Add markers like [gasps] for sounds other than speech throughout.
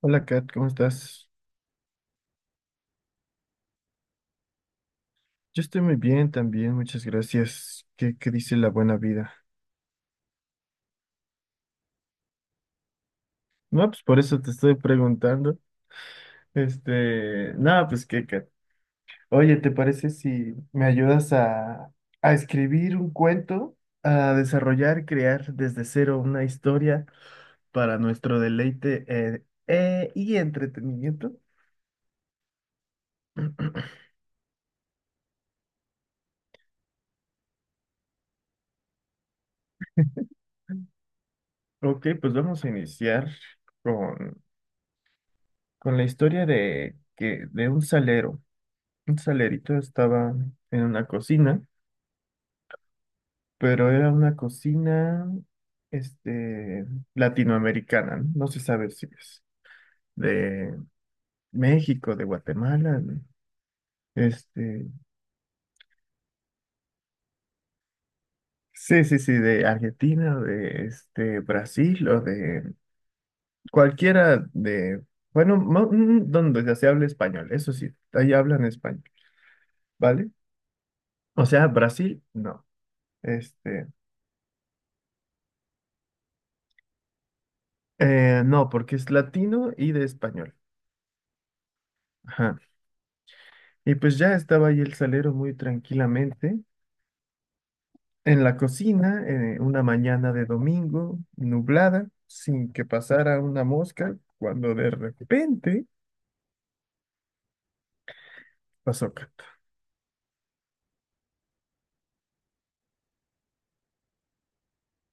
Hola Kat, ¿cómo estás? Yo estoy muy bien también, muchas gracias. ¿Qué dice la buena vida? No, pues por eso te estoy preguntando. Nada, pues qué, Kat. Oye, ¿te parece si me ayudas a escribir un cuento, a desarrollar, crear desde cero una historia para nuestro deleite y entretenimiento? [clears throat] Ok, pues vamos a iniciar con, con la historia de un salero. Un salerito estaba en una cocina, pero era una cocina, este, latinoamericana, ¿no? No se sabe si es de México, de Guatemala, este, sí, sí, sí, de Argentina, de Brasil o de cualquiera de, bueno, donde ya se hable español. Eso sí, ahí hablan español, ¿vale? O sea, Brasil, no, este, no, porque es latino y de español. Ajá. Y pues ya estaba ahí el salero muy tranquilamente en la cocina, una mañana de domingo, nublada, sin que pasara una mosca, cuando de repente pasó cato.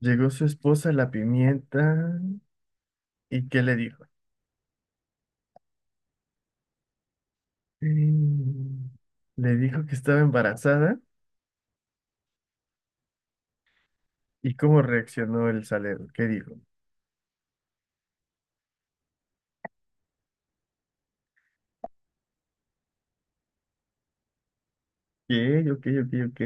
Llegó su esposa la pimienta y ¿qué le dijo? Mm, le dijo que estaba embarazada. ¿Y cómo reaccionó el salero? ¿Qué dijo? Ok, ok, ok, ok.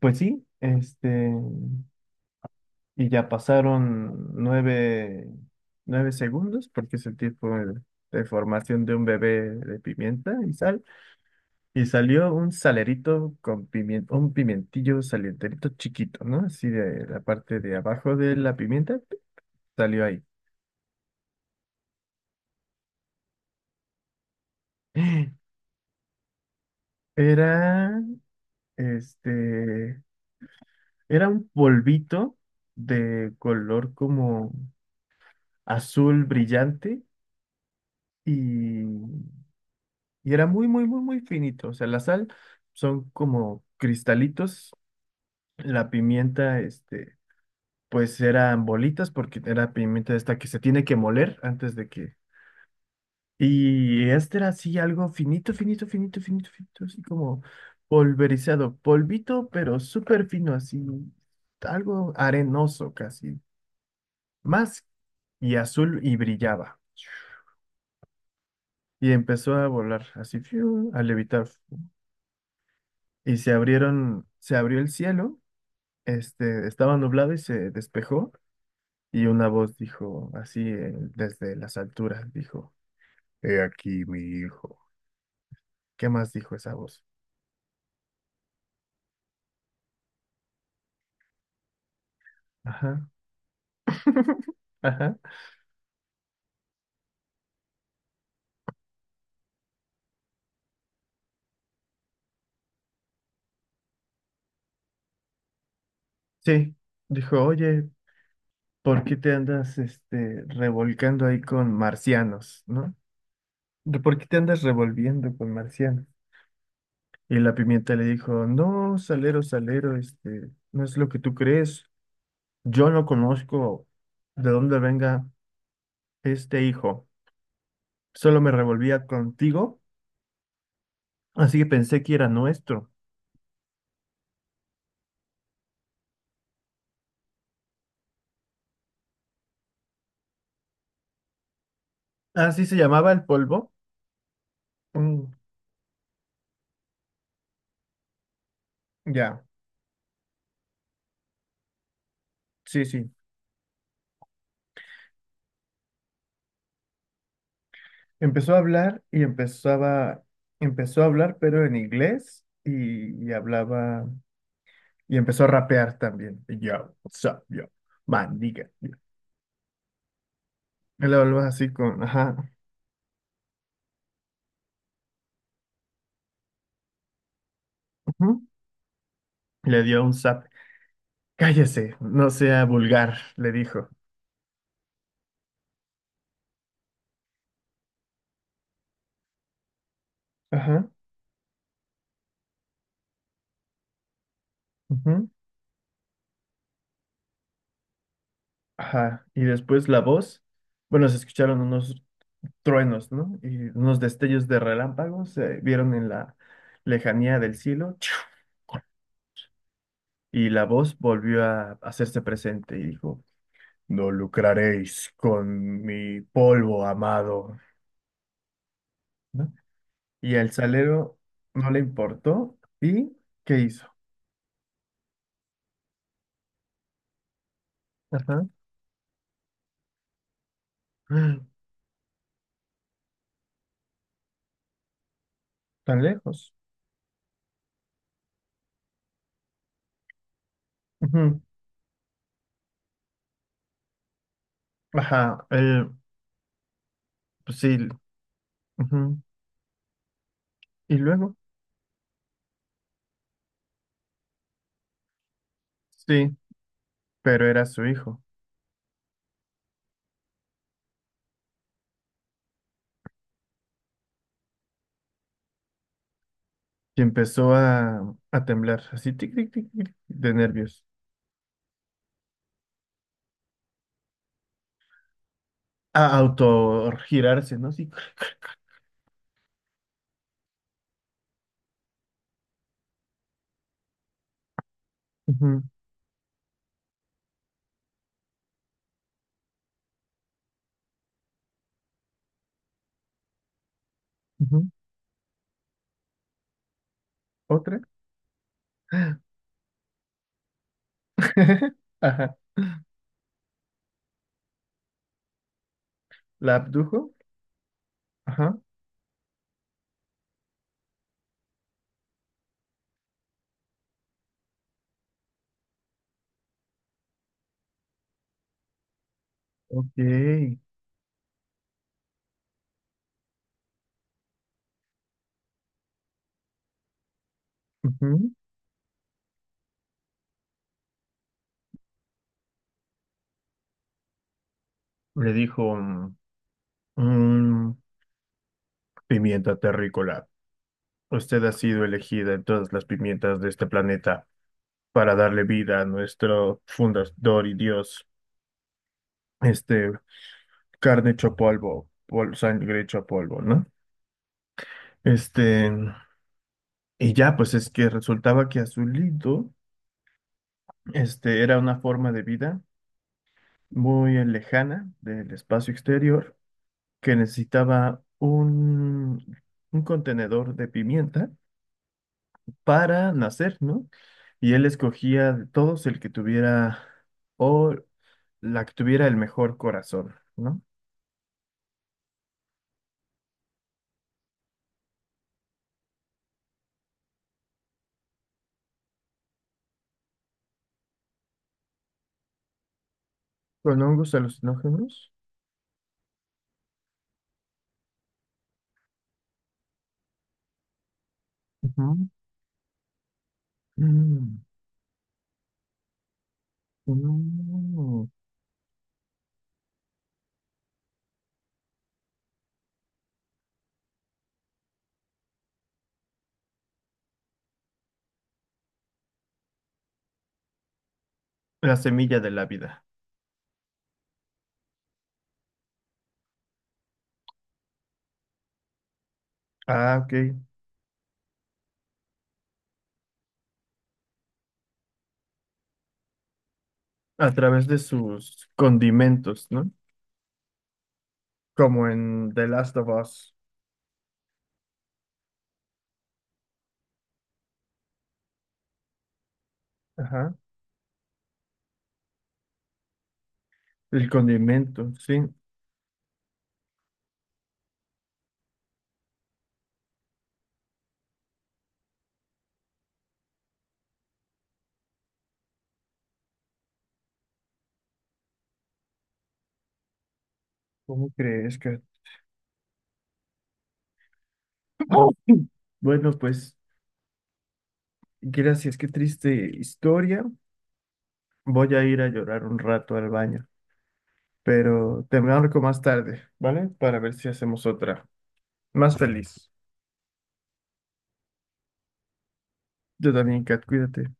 Pues sí, y ya pasaron nueve segundos, porque es el tiempo de formación de un bebé de pimienta y sal. Y salió un salerito con pimiento, un pimientillo salienterito chiquito, ¿no? Así de la parte de abajo de la pimienta, ¡pip! Salió ahí. [gasps] Era, este, era un polvito de color como azul brillante y Y era muy, muy, muy, muy finito. O sea, la sal son como cristalitos. La pimienta, pues eran bolitas porque era pimienta esta que se tiene que moler antes de que... Y este era así algo finito, finito, finito, finito, finito, así como polverizado, polvito, pero súper fino, así, algo arenoso casi, más y azul y brillaba. Y empezó a volar así, fiu, a levitar. Y se abrieron, se abrió el cielo. Estaba nublado y se despejó y una voz dijo, así desde las alturas, dijo, he aquí mi hijo. ¿Qué más dijo esa voz? Ajá, ajá. Sí, dijo, oye, ¿por qué te andas revolcando ahí con marcianos, ¿no? ¿De ¿Por qué te andas revolviendo con marcianos? Y la pimienta le dijo, no, salero, salero, no es lo que tú crees. Yo no conozco de dónde venga este hijo. Solo me revolvía contigo. Así que pensé que era nuestro. Así se llamaba el polvo. Mm, ya, sí, sí. Empezó a hablar y empezó a hablar, pero en inglés y hablaba y empezó a rapear también. Y yo, what's up, yo, man, diga. Yo. Él hablaba así con, ajá, ujú, le dio un zap. Cállese, no sea vulgar, le dijo. Ajá, ujú, ajá. Y después la voz, bueno, se escucharon unos truenos, ¿no? Y unos destellos de relámpagos se vieron en la lejanía del cielo, ¡Chiu! Y la voz volvió a hacerse presente y dijo, no lucraréis con mi polvo amado, ¿no? Y al salero no le importó, ¿y qué hizo? Ajá. [gasps] Mm, tan lejos. Ujú. Ajá, él, pues sí, ujú. Y luego, sí, pero era su hijo. Y empezó a temblar, así, tic, tic, tic, tic, de nervios. A autogirarse, ¿no? Sí. Ujú, ujú. Otra. [laughs] Ajá. La abdujo. Ajá. Ok. Ujú. Le dijo, mm, mm, pimienta terrícola. Usted ha sido elegida en todas las pimientas de este planeta para darle vida a nuestro fundador y dios. Este, carne hecho polvo, sangre hecho polvo, ¿no? Este. Y ya, pues es que resultaba que Azulito, era una forma de vida muy lejana del espacio exterior que necesitaba un contenedor de pimienta para nacer, ¿no? Y él escogía de todos el que tuviera o la que tuviera el mejor corazón, ¿no? Con hongos alucinógenos. Ujú. Mm, mm. La semilla de la vida. Ah, ok. A través de sus condimentos, ¿no? Como en The Last of Us. Ajá. El condimento, sí. ¿Cómo crees que? [clears throat] ¡Oh! Bueno, pues, gracias, qué triste historia. Voy a ir a llorar un rato al baño, pero te marco más tarde, ¿vale? Para ver si hacemos otra más feliz. Yo también, Kat, cuídate.